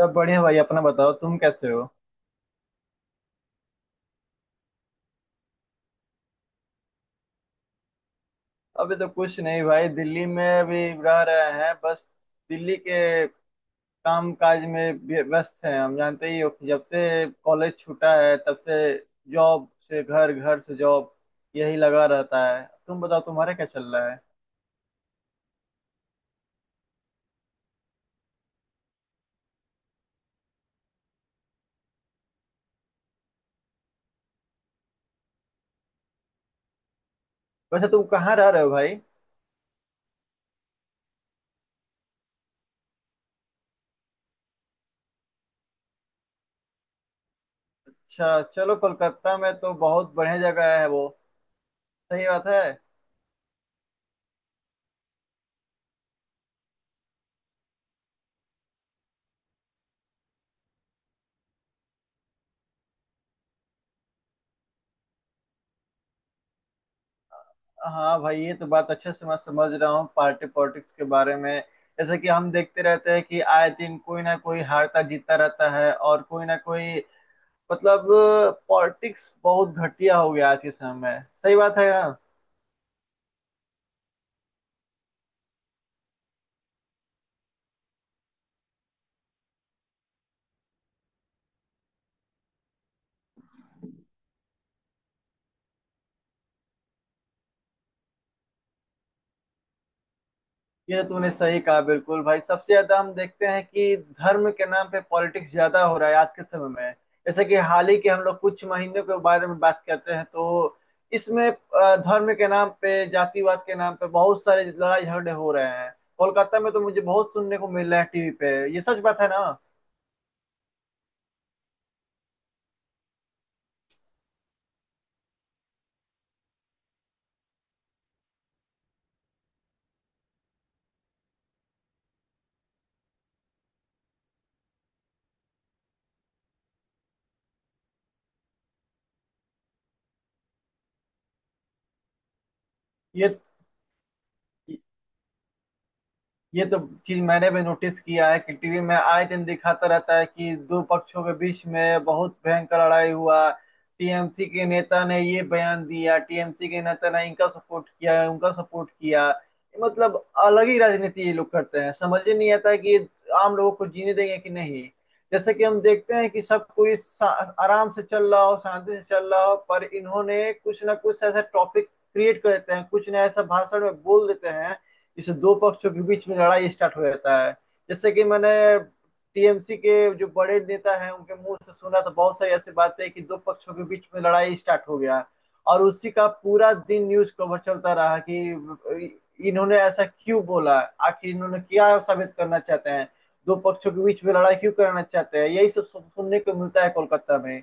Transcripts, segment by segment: सब बढ़िया भाई। अपना बताओ, तुम कैसे हो? अभी तो कुछ नहीं भाई, दिल्ली में अभी रह रहे हैं बस। दिल्ली के काम काज में व्यस्त हैं। हम जानते ही हो कि जब से कॉलेज छूटा है, तब से जॉब से घर, घर से जॉब, यही लगा रहता है। तुम बताओ, तुम्हारा क्या चल रहा है? वैसे तुम कहाँ रह रहे हो भाई? अच्छा चलो, कोलकाता में तो बहुत बढ़िया जगह है वो। सही बात है। हाँ भाई, ये तो बात अच्छे से मैं समझ रहा हूँ, पार्टी पॉलिटिक्स के बारे में। जैसे कि हम देखते रहते हैं कि आए दिन कोई ना कोई हारता जीतता रहता है, और कोई ना कोई मतलब पॉलिटिक्स बहुत घटिया हो गया आज के समय में। सही बात है यार। ये तो तूने सही कहा बिल्कुल भाई, सबसे ज्यादा हम देखते हैं कि धर्म के नाम पे पॉलिटिक्स ज्यादा हो रहा है आज के समय में। जैसे कि हाल ही के हम लोग कुछ महीनों के बारे में बात करते हैं, तो इसमें धर्म के नाम पे, जातिवाद के नाम पे बहुत सारे लड़ाई झगड़े हो रहे हैं। कोलकाता में तो मुझे बहुत सुनने को मिल रहा है टीवी पे। ये सच बात है ना। ये ये तो चीज मैंने भी नोटिस किया है कि टीवी में आए दिन दिखाता रहता है कि दो पक्षों के बीच में बहुत भयंकर लड़ाई हुआ। टीएमसी के नेता ने ये बयान दिया, टीएमसी के नेता ने इनका सपोर्ट किया, उनका सपोर्ट किया। मतलब अलग ही राजनीति ये लोग करते हैं। समझ ही नहीं आता कि ये आम लोगों को जीने देंगे कि नहीं। जैसे कि हम देखते हैं कि सब कोई आराम से चल रहा हो, शांति से चल रहा हो, पर इन्होंने कुछ ना कुछ ऐसा टॉपिक क्रिएट कर देते हैं, कुछ ना ऐसा भाषण में बोल देते हैं, इस दो पक्षों के बीच में लड़ाई स्टार्ट हो जाता है। जैसे कि मैंने टीएमसी के जो बड़े नेता हैं उनके मुंह से सुना, तो बहुत सारी ऐसी बातें कि दो पक्षों के बीच में लड़ाई स्टार्ट हो गया, और उसी का पूरा दिन न्यूज कवर चलता रहा कि इन्होंने ऐसा क्यों बोला, आखिर इन्होंने क्या साबित करना चाहते हैं, दो पक्षों के बीच में लड़ाई क्यों करना चाहते हैं। यही सब सुनने को मिलता है कोलकाता में।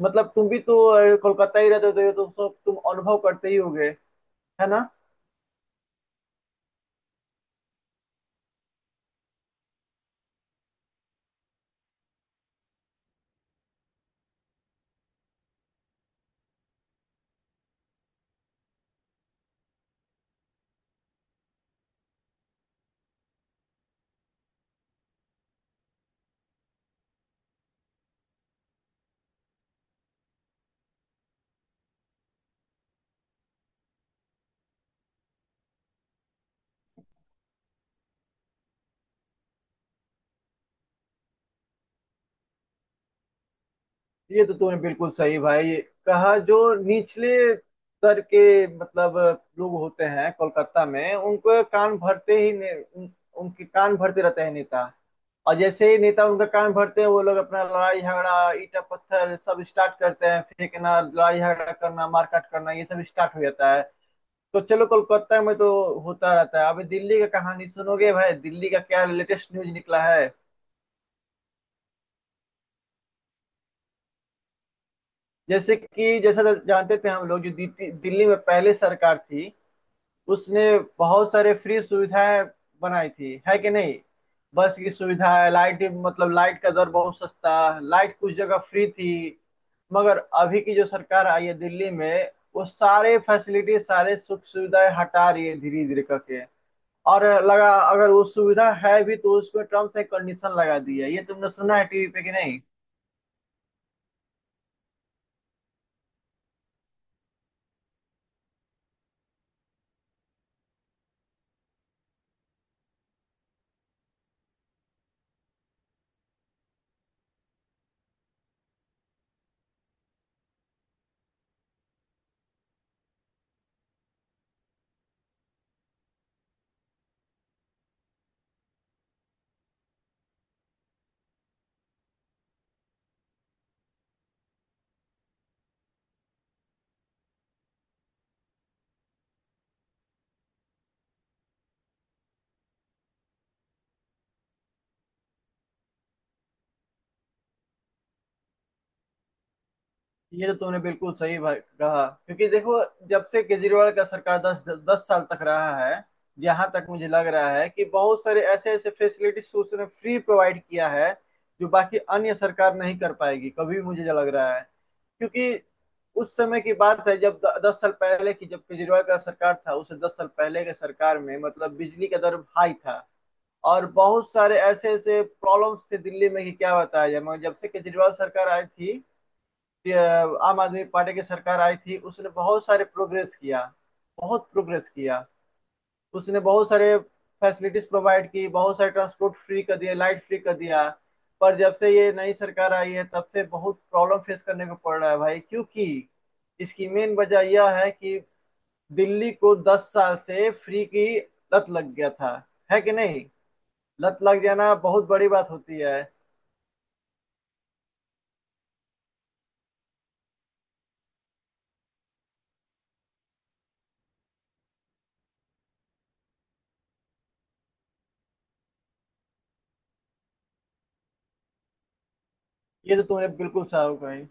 मतलब तुम भी तो कोलकाता ही रहते हो, तो ये तो सब तुम अनुभव करते ही होगे, है ना? ये तो तूने बिल्कुल सही भाई कहा। जो निचले स्तर के मतलब लोग होते हैं कोलकाता में, उनको कान भरते ही उनके कान भरते रहते हैं नेता। और जैसे ही नेता उनका कान भरते हैं, वो लोग अपना लड़ाई झगड़ा, ईटा पत्थर सब स्टार्ट करते हैं फेंकना, लड़ाई झगड़ा करना, मारकाट करना, ये सब स्टार्ट हो जाता है। तो चलो, कोलकाता में तो होता रहता है। अभी दिल्ली का कहानी सुनोगे भाई? दिल्ली का क्या लेटेस्ट न्यूज निकला है। जैसे कि जैसा जानते थे हम लोग, जो दिल्ली में पहले सरकार थी, उसने बहुत सारे फ्री सुविधाएं बनाई थी, है कि नहीं? बस की सुविधा है, लाइट मतलब लाइट का दर बहुत सस्ता, लाइट कुछ जगह फ्री थी। मगर अभी की जो सरकार आई है दिल्ली में, वो सारे फैसिलिटी, सारे सुख सुविधाएं हटा रही है धीरे धीरे करके। और लगा अगर वो सुविधा है भी तो उसमें टर्म्स एंड कंडीशन लगा दी है। ये तुमने सुना है टीवी पे कि नहीं? ये तो तुमने बिल्कुल सही भाई कहा, क्योंकि देखो, जब से केजरीवाल का सरकार दस दस साल तक रहा है, यहाँ तक मुझे लग रहा है कि बहुत सारे ऐसे ऐसे फैसिलिटीज उसने फ्री प्रोवाइड किया है जो बाकी अन्य सरकार नहीं कर पाएगी कभी, मुझे जो लग रहा है। क्योंकि उस समय की बात है जब दस साल पहले की, जब केजरीवाल का सरकार था, उससे दस साल पहले के सरकार में मतलब बिजली का दर हाई था, और बहुत सारे ऐसे ऐसे प्रॉब्लम्स थे दिल्ली में कि क्या बताया जाए। मगर जब से केजरीवाल सरकार आई थी, ये आम आदमी पार्टी की सरकार आई थी, उसने बहुत सारे प्रोग्रेस किया, बहुत प्रोग्रेस किया। उसने बहुत सारे फैसिलिटीज प्रोवाइड की, बहुत सारे ट्रांसपोर्ट फ्री कर दिया, लाइट फ्री कर दिया। पर जब से ये नई सरकार आई है, तब से बहुत प्रॉब्लम फेस करने को पड़ रहा है भाई, क्योंकि इसकी मेन वजह यह है कि दिल्ली को 10 साल से फ्री की लत लग गया था, है कि नहीं? लत लग जाना बहुत बड़ी बात होती है। ये तो तुमने बिल्कुल साफ कही।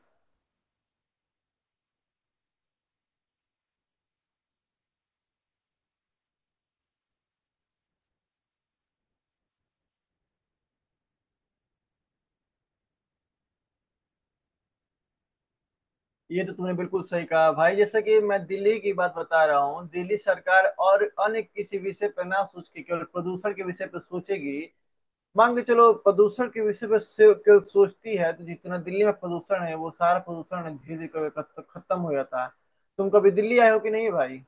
ये तो तुमने बिल्कुल सही कहा भाई। जैसे कि मैं दिल्ली की बात बता रहा हूँ, दिल्ली सरकार और अन्य किसी विषय पर ना सोच के केवल प्रदूषण के विषय पर सोचेगी, मान के चलो प्रदूषण के विषय पर केवल सोचती है, तो जितना दिल्ली में प्रदूषण है वो सारा प्रदूषण धीरे धीरे खत्म हो जाता है। तुम कभी दिल्ली आए हो कि नहीं भाई?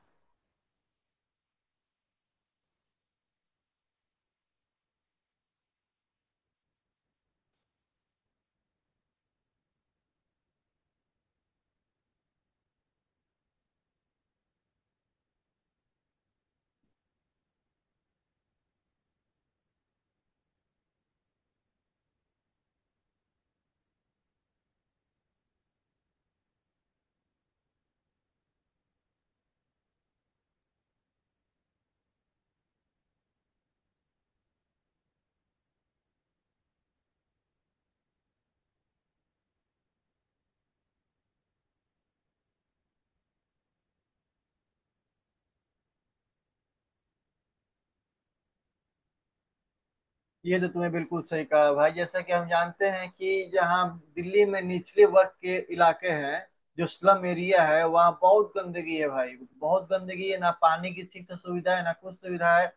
ये तो तुमने बिल्कुल सही कहा भाई। जैसा कि हम जानते हैं कि जहाँ दिल्ली में निचले वर्ग के इलाके हैं, जो स्लम एरिया है, वहाँ बहुत गंदगी है भाई, बहुत गंदगी है, ना पानी की ठीक से सुविधा है, ना कुछ सुविधा है।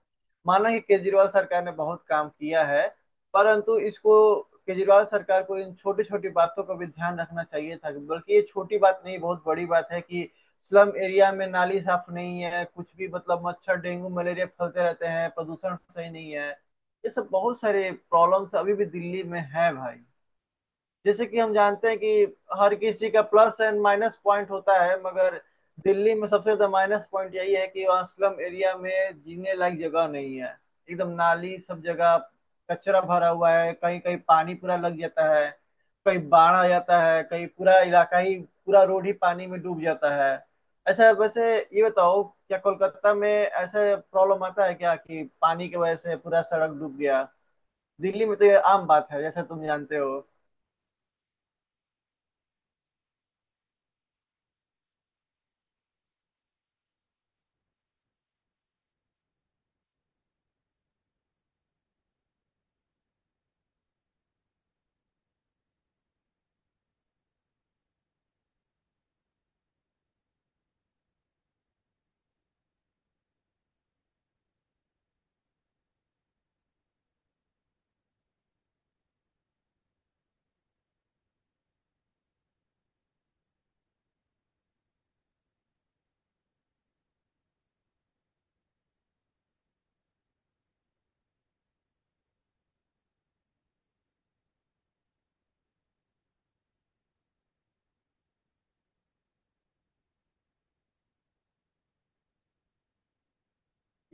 माना कि केजरीवाल सरकार ने बहुत काम किया है, परंतु इसको, केजरीवाल सरकार को, इन छोटी छोटी बातों का भी ध्यान रखना चाहिए था। बल्कि ये छोटी बात नहीं, बहुत बड़ी बात है कि स्लम एरिया में नाली साफ नहीं है, कुछ भी मतलब मच्छर, डेंगू, मलेरिया फैलते रहते हैं, प्रदूषण सही नहीं है। ये सब बहुत सारे प्रॉब्लम्स अभी भी दिल्ली में है भाई। जैसे कि हम जानते हैं कि हर किसी का प्लस एंड माइनस पॉइंट होता है, मगर दिल्ली में सबसे ज्यादा माइनस पॉइंट यही है कि वहाँ स्लम एरिया में जीने लायक जगह नहीं है। एकदम नाली सब जगह, कचरा भरा हुआ है, कहीं कहीं पानी पूरा लग जाता है, कहीं बाढ़ आ जाता है, कहीं पूरा इलाका ही, पूरा रोड ही पानी में डूब जाता है। अच्छा, वैसे ये बताओ, क्या कोलकाता में ऐसा प्रॉब्लम आता है क्या कि पानी की वजह से पूरा सड़क डूब गया? दिल्ली में तो ये आम बात है जैसा तुम जानते हो।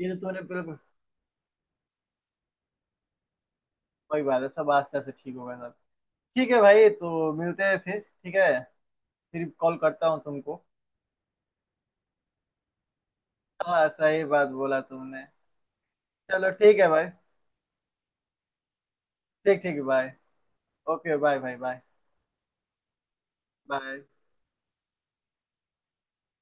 ये तो तूने बिल्कुल। कोई बात है, सब आस्ते से ठीक होगा सब। ठीक है भाई, तो मिलते हैं फिर, ठीक है? फिर कॉल करता हूँ तुमको। हाँ, सही बात बोला तुमने। चलो ठीक है भाई। ठीक ठीक, बाय। ओके, बाय भाई, बाय, बाय।